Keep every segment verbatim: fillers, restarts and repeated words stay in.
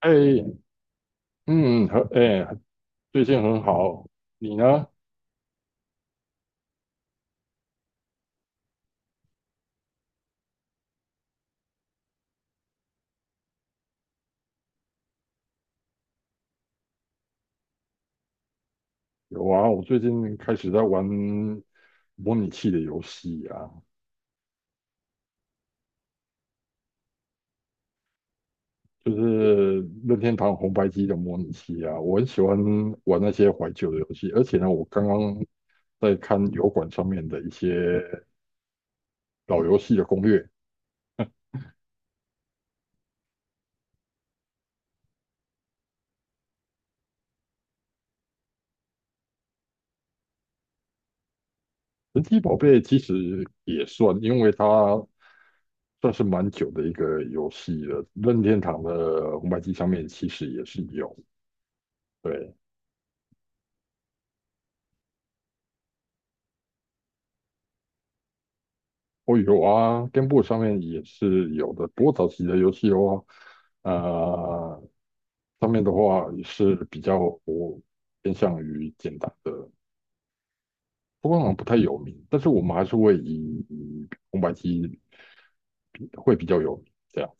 哎，嗯，很，哎，最近很好。你呢？有啊，我最近开始在玩模拟器的游戏啊，就是任天堂红白机的模拟器啊。我很喜欢玩那些怀旧的游戏，而且呢，我刚刚在看油管上面的一些老游戏的攻略。神奇宝贝其实也算，因为它算是蛮久的一个游戏了。任天堂的红白机上面其实也是有。对。哦，有啊， g a 上面也是有的，不过早期的游戏的话，呃，上面的话也是比较我偏向于简单的，不过好像不太有名，但是我们还是会以以红白机会比较有名，这样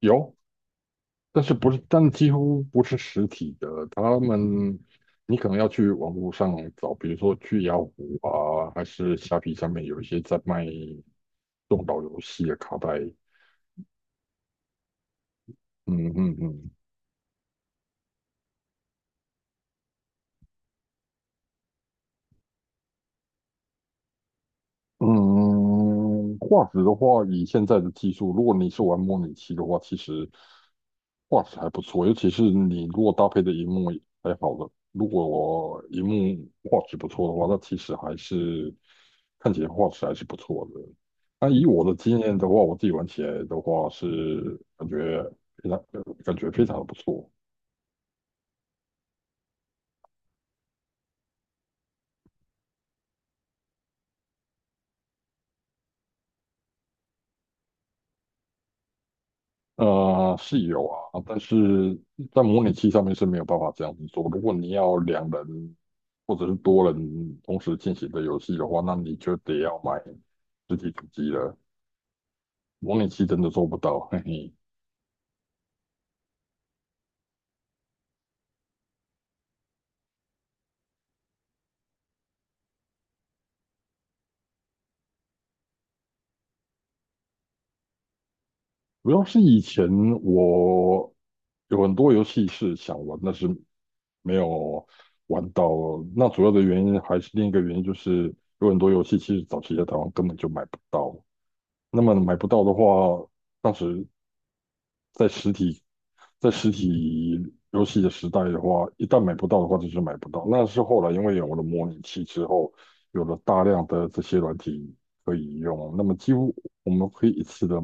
有，但是不是，但几乎不是实体的，他们你可能要去网络上找，比如说去雅虎啊，还是虾皮上面有一些在卖这岛游戏的卡带。嗯嗯嗯，嗯，画质的话，以现在的技术，如果你是玩模拟器的话，其实画质还不错，尤其是你如果搭配的荧幕还好的，如果我荧幕画质不错的话，那其实还是看起来画质还是不错的。那以我的经验的话，我自己玩起来的话是感觉非常感觉非常的不错。呃，是有啊，但是在模拟器上面是没有办法这样子做。如果你要两人或者是多人同时进行的游戏的话，那你就得要买实体主机了。模拟器真的做不到，嘿嘿。主要是以前我有很多游戏是想玩，但是没有玩到。那主要的原因还是另一个原因，就是有很多游戏其实早期在台湾根本就买不到。那么买不到的话，当时在实体在实体游戏的时代的话，一旦买不到的话，就是买不到。那是后来因为有了模拟器之后，有了大量的这些软体可以用，那么几乎我们可以一次的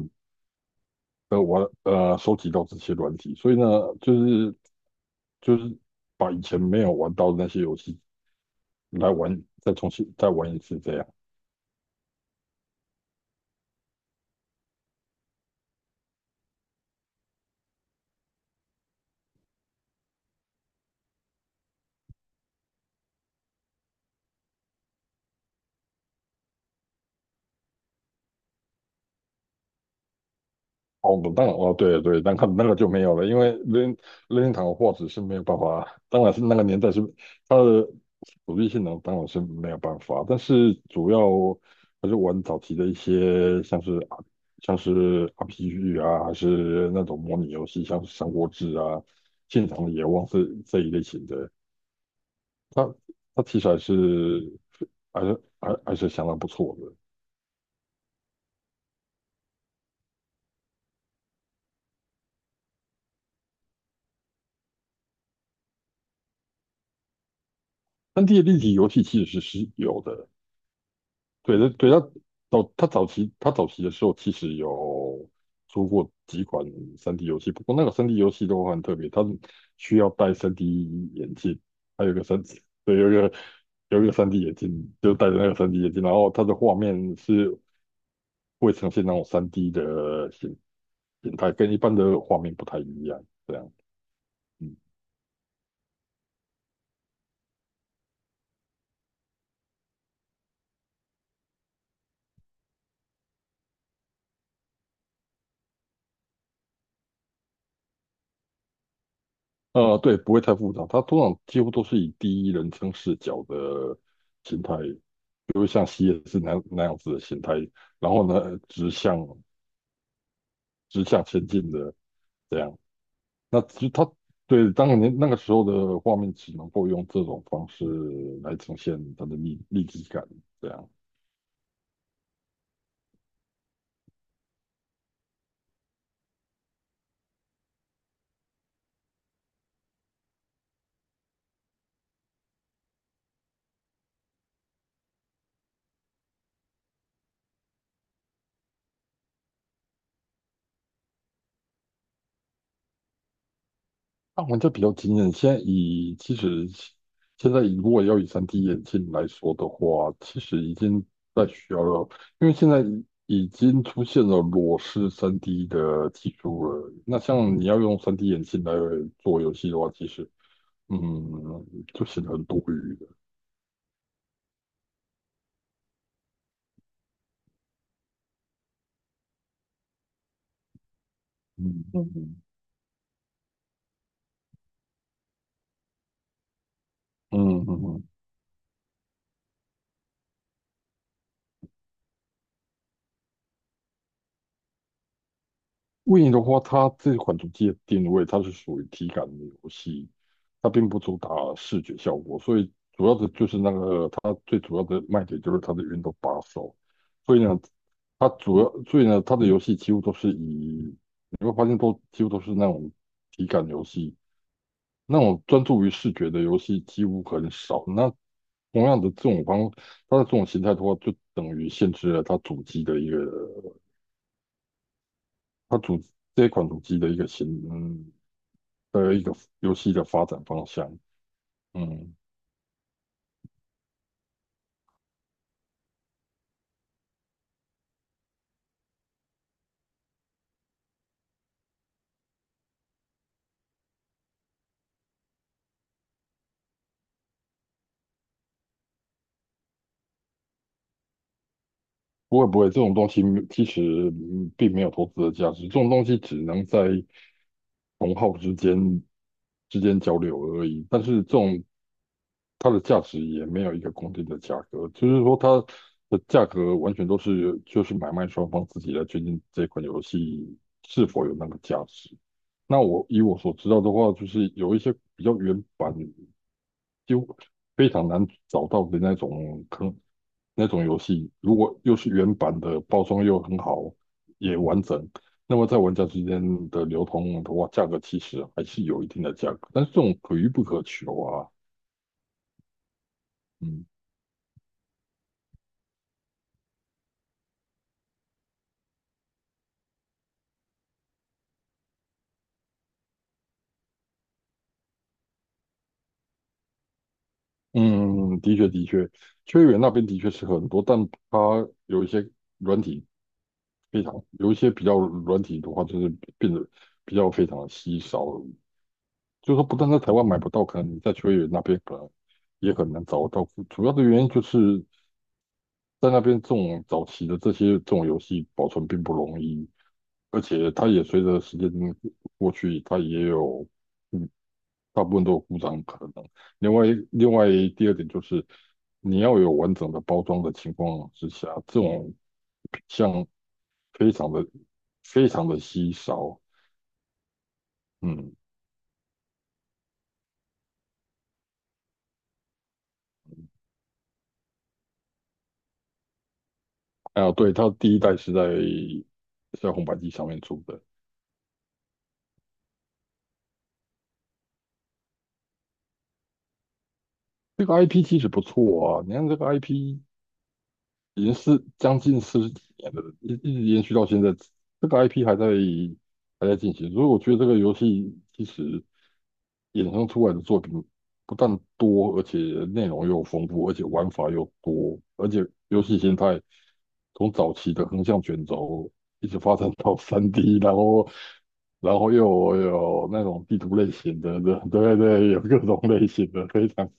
呃玩呃收集到这些软体，所以呢，就是就是把以前没有玩到的那些游戏来玩，再重新再玩一次这样。哦，当然哦，对对，那个那个就没有了，因为任任天堂的画质是没有办法，当然是那个年代是它的主机性能当然是没有办法，但是主要还是玩早期的一些像是像是 R P G 啊，还是那种模拟游戏，像是《三国志》啊、《信场的野望》这这一类型的，它它题材是还是还还是相当不错的，三 D 立体游戏其实是是有的。对对对，他早他早期他早期的时候其实有出过几款三 d 游戏，不过那个三 d 游戏都很特别，它需要戴三 d 眼镜，还有一个三 d 对，有一个有一个三 d 眼镜，就戴着那个三 d 眼镜，然后它的画面是会呈现那种三 d 的形形态，跟一般的画面不太一样，这样，嗯，呃，对，不会太复杂，它通常几乎都是以第一人称视角的形态就会像 C 也是那那样子的形态，然后呢，直向直向前进的这样。那其实它对当年那个时候的画面，只能够用这种方式来呈现它的立立体感，这样让玩家比较惊艳。现在以其实现在如果要以 三 D 眼镜来说的话，其实已经在需要了，因为现在。已经出现了裸视 三 D 的技术了。那像你要用 三 D 眼镜来做游戏的话，其实嗯，就显得很多余的。嗯嗯，嗯嗯嗯嗯嗯 w i 的话，它这款主机的定位，它是属于体感的游戏，它并不主打视觉效果，所以主要的就是那个它最主要的卖点就是它的运动把手，所以呢，它主要，所以呢，它的游戏几乎都是以你会发现都几乎都是那种体感游戏，那种专注于视觉的游戏几乎很少。那同样的这种方，它的这种形态的话，就等于限制了它主机的一个，它主这一款主机的一个形，嗯，的一个游戏的发展方向。嗯，不会不会，这种东西其实嗯并没有投资的价值，这种东西只能在同好之间之间交流而已。但是这种它的价值也没有一个固定的价格，就是说它的价格完全都是就是买卖双方自己来决定这款游戏是否有那个价值。那我以我所知道的话，就是有一些比较原版，就非常难找到的那种坑，那种游戏，如果又是原版的，包装又很好，也完整，那么在玩家之间的流通的话，价格其实还是有一定的价格，但是这种可遇不可求啊。嗯嗯，的确的确，秋叶原那边的确是很多，但它有一些软体非常，有一些比较软体的话，就是变得比较非常的稀少，就是说不但在台湾买不到，可能你在秋叶原那边可能也很难找得到。主要的原因就是在那边这种早期的这些这种游戏保存并不容易，而且它也随着时间过去，它也有嗯大部分都有故障可能。另外，另外第二点就是你要有完整的包装的情况之下，这种像非常的非常的稀少。嗯，啊，对，它第一代是在在红白机上面出的。这个 I P 其实不错啊，你看这个 I P 已经是将近四十几年了，一一直延续到现在，这个 I P 还在还在进行，所以我觉得这个游戏其实衍生出来的作品不但多，而且内容又丰富，而且玩法又多，而且游戏形态从早期的横向卷轴一直发展到 三 D，然后然后又有那种地图类型的，对对对，有各种类型的，非常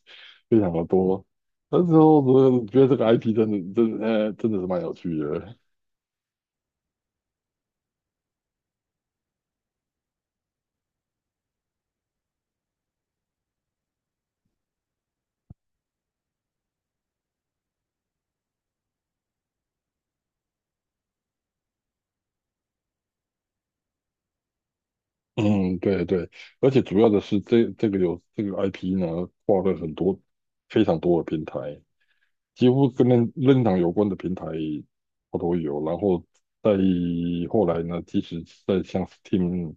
非常的多。那时候我觉得这个 I P 真的真的呃真的是蛮有趣的，嗯，对对，而且主要的是这这个有这个 I P 呢，跨了很多非常多的平台，几乎跟任任堂有关的平台它都有。然后在后来呢，即使在像 Steam。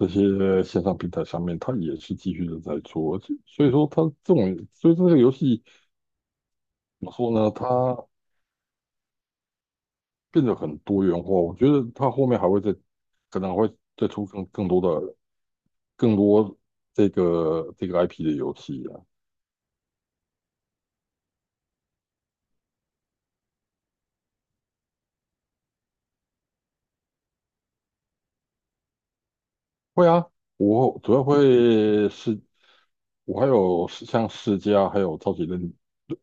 这些线上平台上面，它也是继续的在做，而且所以说它这种，所以这个游戏怎么说呢？它变得很多元化，我觉得它后面还会再，可能还会再出更更多的更多这个这个 I P 的游戏啊。会啊，我主要会是，我还有像世嘉，还有超级任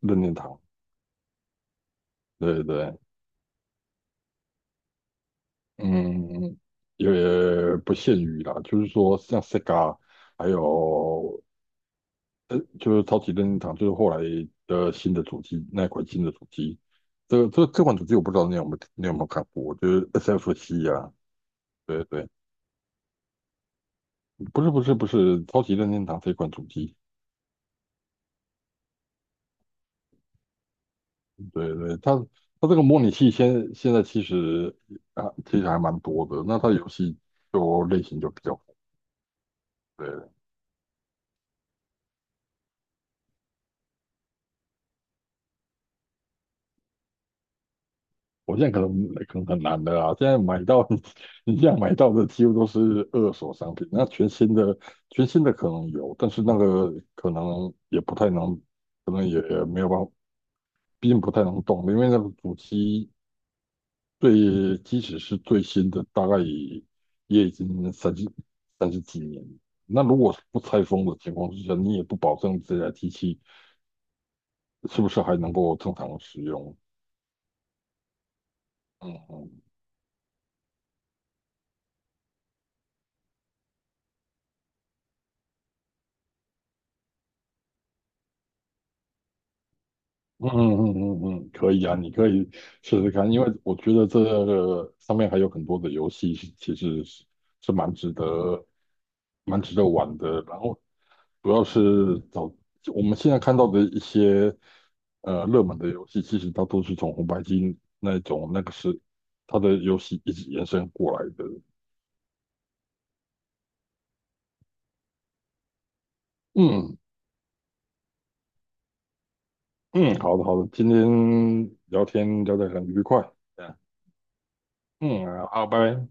任天堂，对对对，嗯，也不限于啦，就是说像 Sega。还有呃，就是超级任天堂，就是后来的新的主机，那一款新的主机，这个这这款主机我不知道你有没有你有没有看过，就是 S F C 啊，对对，不是不是不是超级任天堂这款主机，对对，它它这个模拟器现现在其实啊其实还蛮多的，那它游戏就类型就比较对。我现在可能可能很难的啊！现在买到 你现在买到的几乎都是二手商品，那全新的全新的可能有，但是那个可能也不太能，可能也没有办法，毕竟不太能动，因为那个主机最即使是最新的，大概也也已经三十三十几年了，那如果是不拆封的情况之下，你也不保证这台机器是不是还能够正常使用。嗯嗯嗯嗯嗯嗯，嗯，可以啊，你可以试试看，因为我觉得这个上面还有很多的游戏，其实是是蛮值得蛮值得玩的。然后主要是找我们现在看到的一些呃热门的游戏，其实它都是从红白机那种那个是它的游戏一直延伸过来的。嗯嗯，好的好的，今天聊天聊得很愉快，嗯嗯，好，拜拜。